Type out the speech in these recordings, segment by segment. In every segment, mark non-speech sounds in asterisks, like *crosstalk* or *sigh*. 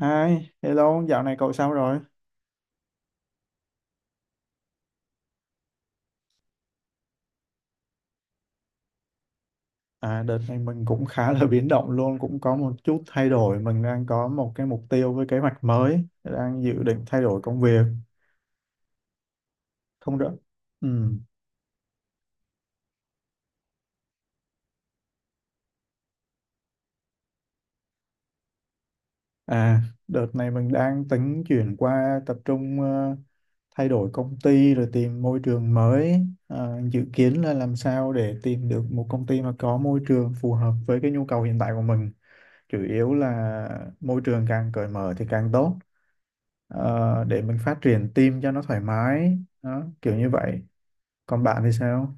Hi, hello, dạo này cậu sao rồi? À, đợt này mình cũng khá là biến động luôn, cũng có một chút thay đổi. Mình đang có một cái mục tiêu với kế hoạch mới, đang dự định thay đổi công việc. Không được. Ừ. À, đợt này mình đang tính chuyển qua tập trung thay đổi công ty rồi tìm môi trường mới. À, dự kiến là làm sao để tìm được một công ty mà có môi trường phù hợp với cái nhu cầu hiện tại của mình. Chủ yếu là môi trường càng cởi mở thì càng tốt. Để mình phát triển team cho nó thoải mái đó, kiểu như vậy. Còn bạn thì sao?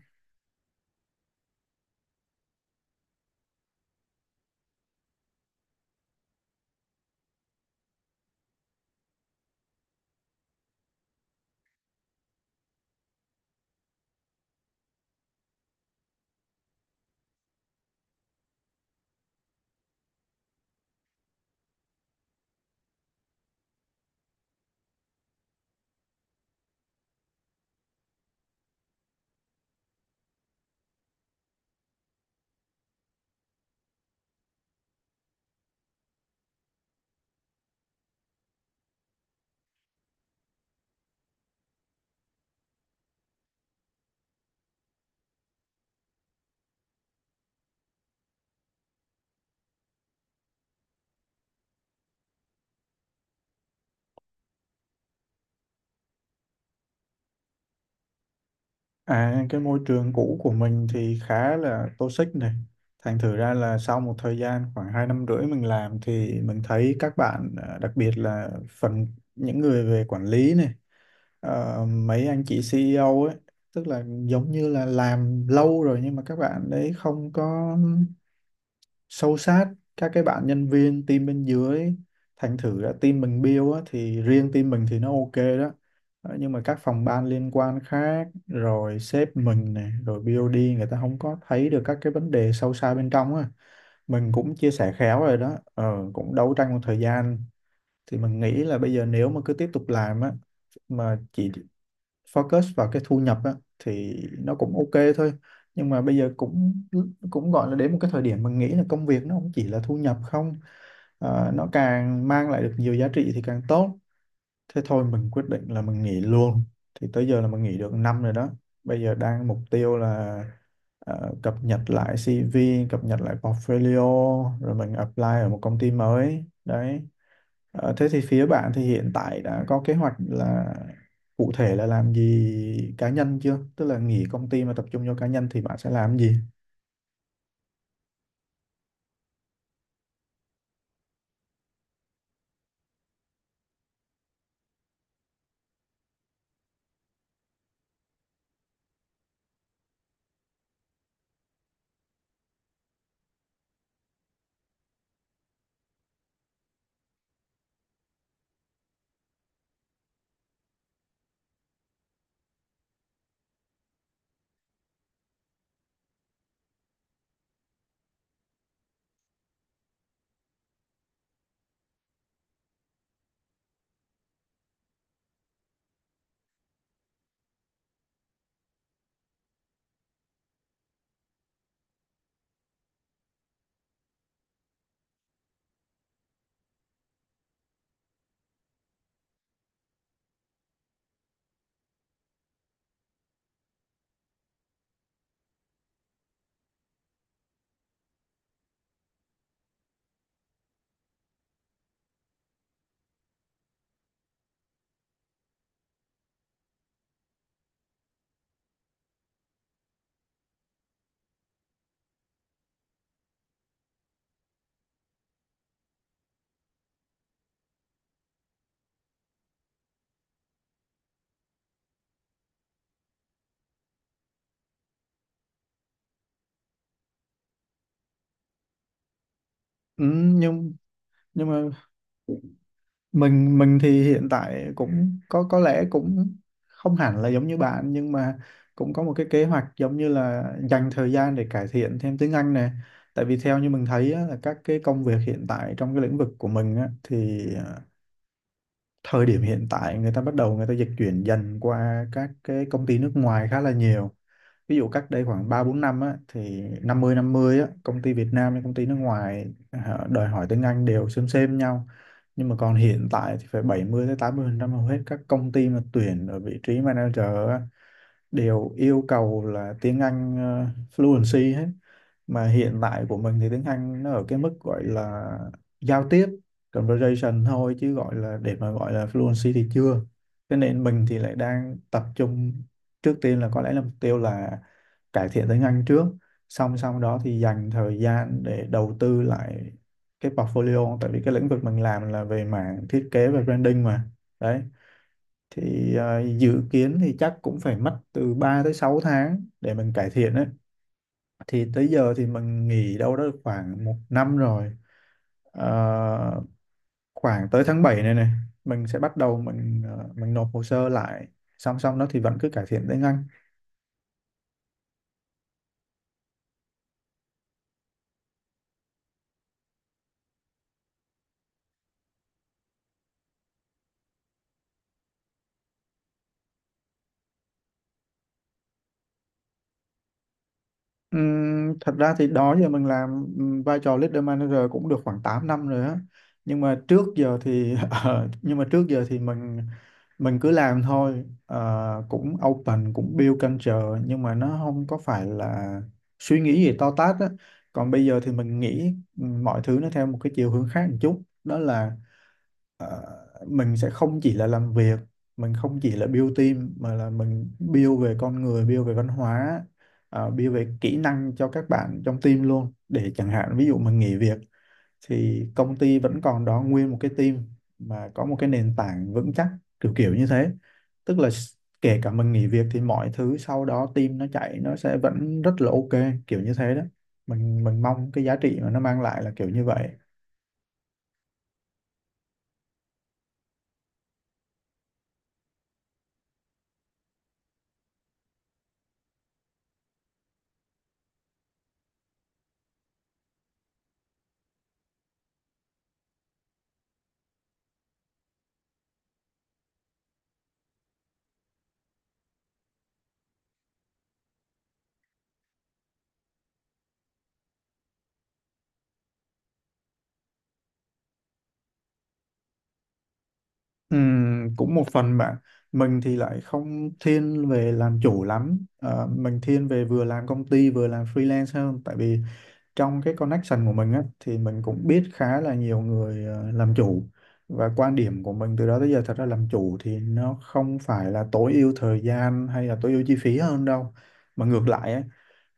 À, cái môi trường cũ của mình thì khá là toxic này. Thành thử ra là sau một thời gian khoảng 2 năm rưỡi mình làm thì mình thấy các bạn, đặc biệt là phần những người về quản lý này, mấy anh chị CEO ấy, tức là giống như là làm lâu rồi nhưng mà các bạn đấy không có sâu sát các cái bạn nhân viên team bên dưới. Thành thử là team mình build á, thì riêng team mình thì nó ok đó. Ờ, nhưng mà các phòng ban liên quan khác rồi sếp mình này rồi BOD người ta không có thấy được các cái vấn đề sâu xa bên trong á. Mình cũng chia sẻ khéo rồi đó, cũng đấu tranh một thời gian. Thì mình nghĩ là bây giờ nếu mà cứ tiếp tục làm á, mà chỉ focus vào cái thu nhập á, thì nó cũng ok thôi. Nhưng mà bây giờ cũng cũng gọi là đến một cái thời điểm mình nghĩ là công việc nó không chỉ là thu nhập không. Ờ, nó càng mang lại được nhiều giá trị thì càng tốt. Thế thôi mình quyết định là mình nghỉ luôn. Thì tới giờ là mình nghỉ được năm rồi đó. Bây giờ đang mục tiêu là cập nhật lại CV, cập nhật lại portfolio, rồi mình apply ở một công ty mới. Đấy. Ờ, thế thì phía bạn thì hiện tại đã có kế hoạch là cụ thể là làm gì cá nhân chưa? Tức là nghỉ công ty mà tập trung vô cá nhân thì bạn sẽ làm gì? Ừ, nhưng nhưng mà mình thì hiện tại cũng có lẽ cũng không hẳn là giống như bạn nhưng mà cũng có một cái kế hoạch giống như là dành thời gian để cải thiện thêm tiếng Anh này. Tại vì theo như mình thấy á, là các cái công việc hiện tại trong cái lĩnh vực của mình á, thì thời điểm hiện tại người ta bắt đầu người ta dịch chuyển dần qua các cái công ty nước ngoài khá là nhiều. Ví dụ cách đây khoảng 3 4 năm á thì 50 50 á công ty Việt Nam với công ty nước ngoài đòi hỏi tiếng Anh đều xem nhau. Nhưng mà còn hiện tại thì phải 70 tới 80% hầu hết các công ty mà tuyển ở vị trí manager á, đều yêu cầu là tiếng Anh fluency hết. Mà hiện tại của mình thì tiếng Anh nó ở cái mức gọi là giao tiếp conversation thôi chứ gọi là để mà gọi là fluency thì chưa. Thế nên mình thì lại đang tập trung trước tiên là có lẽ là mục tiêu là cải thiện tiếng Anh trước, song song đó thì dành thời gian để đầu tư lại cái portfolio tại vì cái lĩnh vực mình làm là về mảng thiết kế và branding mà. Đấy. Thì dự kiến thì chắc cũng phải mất từ 3 tới 6 tháng để mình cải thiện. Đấy. Thì tới giờ thì mình nghỉ đâu đó khoảng một năm rồi. Ờ, khoảng tới tháng 7 này này mình sẽ bắt đầu mình nộp hồ sơ lại, song song đó thì vẫn cứ cải thiện tiếng Anh. Thật ra thì đó giờ mình làm vai trò leader manager cũng được khoảng 8 năm rồi á, nhưng mà trước giờ thì *laughs* nhưng mà trước giờ thì mình cứ làm thôi. Ờ, cũng open cũng build culture nhưng mà nó không có phải là suy nghĩ gì to tát á. Còn bây giờ thì mình nghĩ mọi thứ nó theo một cái chiều hướng khác một chút đó là ờ, mình sẽ không chỉ là làm việc, mình không chỉ là build team mà là mình build về con người, build về văn hóa, build về kỹ năng cho các bạn trong team luôn, để chẳng hạn ví dụ mình nghỉ việc thì công ty vẫn còn đó nguyên một cái team mà có một cái nền tảng vững chắc, kiểu kiểu như thế. tức là s- Kể cả mình nghỉ việc thì mọi thứ sau đó team nó chạy nó sẽ vẫn rất là ok, kiểu như thế đó. Mình mong cái giá trị mà nó mang lại là kiểu như vậy. Cũng một phần bạn, mình thì lại không thiên về làm chủ lắm. Ờ, mình thiên về vừa làm công ty vừa làm freelance hơn, tại vì trong cái connection của mình á thì mình cũng biết khá là nhiều người làm chủ. Và quan điểm của mình từ đó tới giờ thật ra làm chủ thì nó không phải là tối ưu thời gian hay là tối ưu chi phí hơn đâu, mà ngược lại á,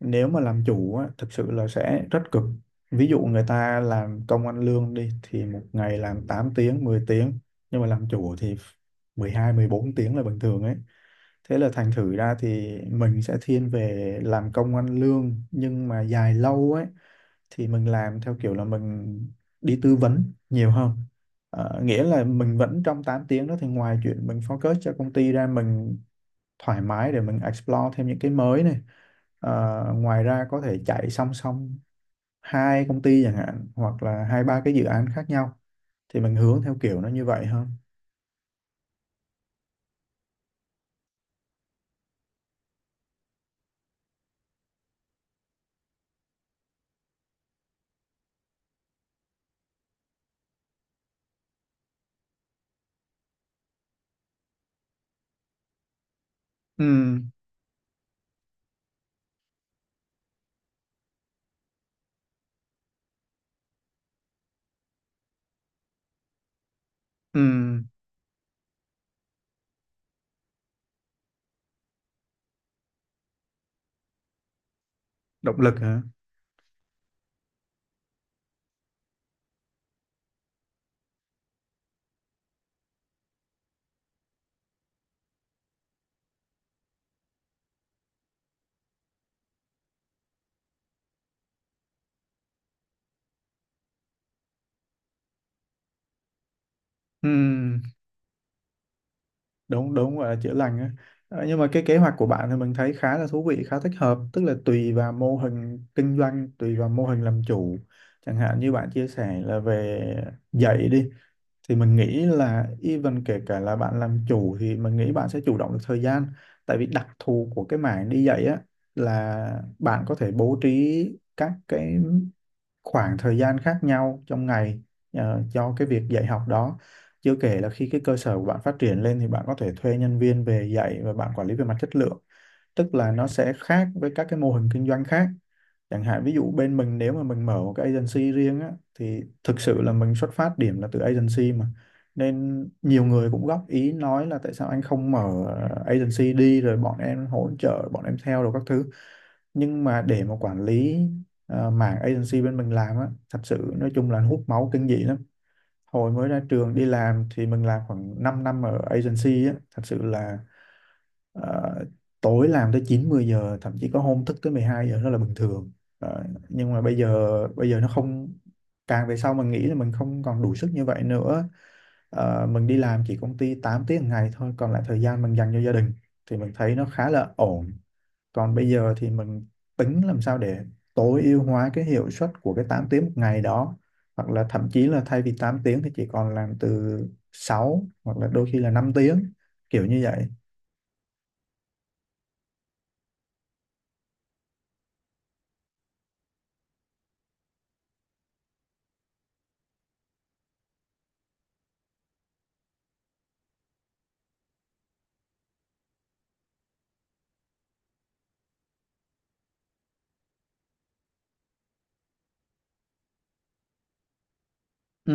nếu mà làm chủ á, thực sự là sẽ rất cực. Ví dụ người ta làm công ăn lương đi thì một ngày làm 8 tiếng 10 tiếng, nhưng mà làm chủ thì 12 14 tiếng là bình thường ấy. Thế là thành thử ra thì mình sẽ thiên về làm công ăn lương nhưng mà dài lâu ấy, thì mình làm theo kiểu là mình đi tư vấn nhiều hơn. Ờ, nghĩa là mình vẫn trong 8 tiếng đó thì ngoài chuyện mình focus cho công ty ra, mình thoải mái để mình explore thêm những cái mới này. Ờ, ngoài ra có thể chạy song song hai công ty chẳng hạn hoặc là hai ba cái dự án khác nhau, thì mình hướng theo kiểu nó như vậy hơn. Ừ, ừ, động lực hả? Ừ, đúng đúng, gọi là chữa lành á. Ờ, nhưng mà cái kế hoạch của bạn thì mình thấy khá là thú vị, khá thích hợp. Tức là tùy vào mô hình kinh doanh tùy vào mô hình làm chủ, chẳng hạn như bạn chia sẻ là về dạy đi, thì mình nghĩ là even kể cả là bạn làm chủ thì mình nghĩ bạn sẽ chủ động được thời gian. Tại vì đặc thù của cái mảng đi dạy á là bạn có thể bố trí các cái khoảng thời gian khác nhau trong ngày cho cái việc dạy học đó. Chưa kể là khi cái cơ sở của bạn phát triển lên thì bạn có thể thuê nhân viên về dạy và bạn quản lý về mặt chất lượng. Tức là nó sẽ khác với các cái mô hình kinh doanh khác. Chẳng hạn ví dụ bên mình nếu mà mình mở một cái agency riêng á thì thực sự là mình xuất phát điểm là từ agency mà, nên nhiều người cũng góp ý nói là tại sao anh không mở agency đi rồi bọn em hỗ trợ bọn em theo rồi các thứ. Nhưng mà để mà quản lý mảng agency bên mình làm á, thật sự nói chung là hút máu kinh dị lắm. Hồi mới ra trường đi làm thì mình làm khoảng 5 năm ở agency á, thật sự là Ờ, tối làm tới 9 10 giờ, thậm chí có hôm thức tới 12 giờ đó là bình thường. Ờ, nhưng mà bây giờ nó không, càng về sau mình nghĩ là mình không còn đủ sức như vậy nữa. Ờ, mình đi làm chỉ công ty 8 tiếng một ngày thôi, còn lại thời gian mình dành cho gia đình thì mình thấy nó khá là ổn. Còn bây giờ thì mình tính làm sao để tối ưu hóa cái hiệu suất của cái 8 tiếng một ngày đó, hoặc là thậm chí là thay vì 8 tiếng thì chỉ còn làm từ 6 hoặc là đôi khi là 5 tiếng, kiểu như vậy. Ừ.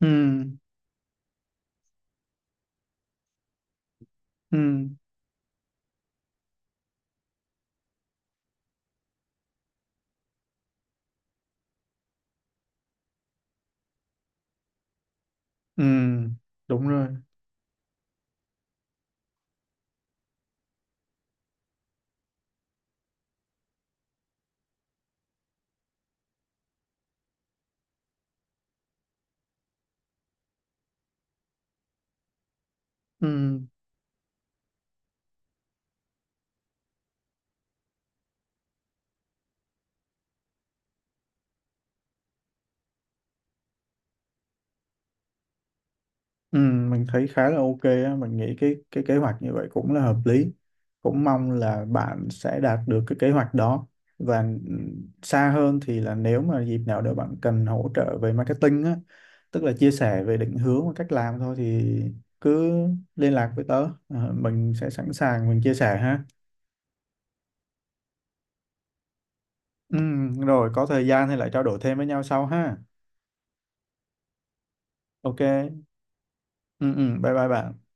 Ừ, ừ, ừ, đúng rồi. Ừ, ừ, mình thấy khá là ok á, mình nghĩ cái kế hoạch như vậy cũng là hợp lý, cũng mong là bạn sẽ đạt được cái kế hoạch đó. Và ừ, xa hơn thì là nếu mà dịp nào đó bạn cần hỗ trợ về marketing á, tức là chia sẻ về định hướng và cách làm thôi, thì cứ liên lạc với tớ. Ờ, mình sẽ sẵn sàng mình chia sẻ ha. Ừ, rồi có thời gian thì lại trao đổi thêm với nhau sau ha. Ok, ừ ừ, bye bye bạn.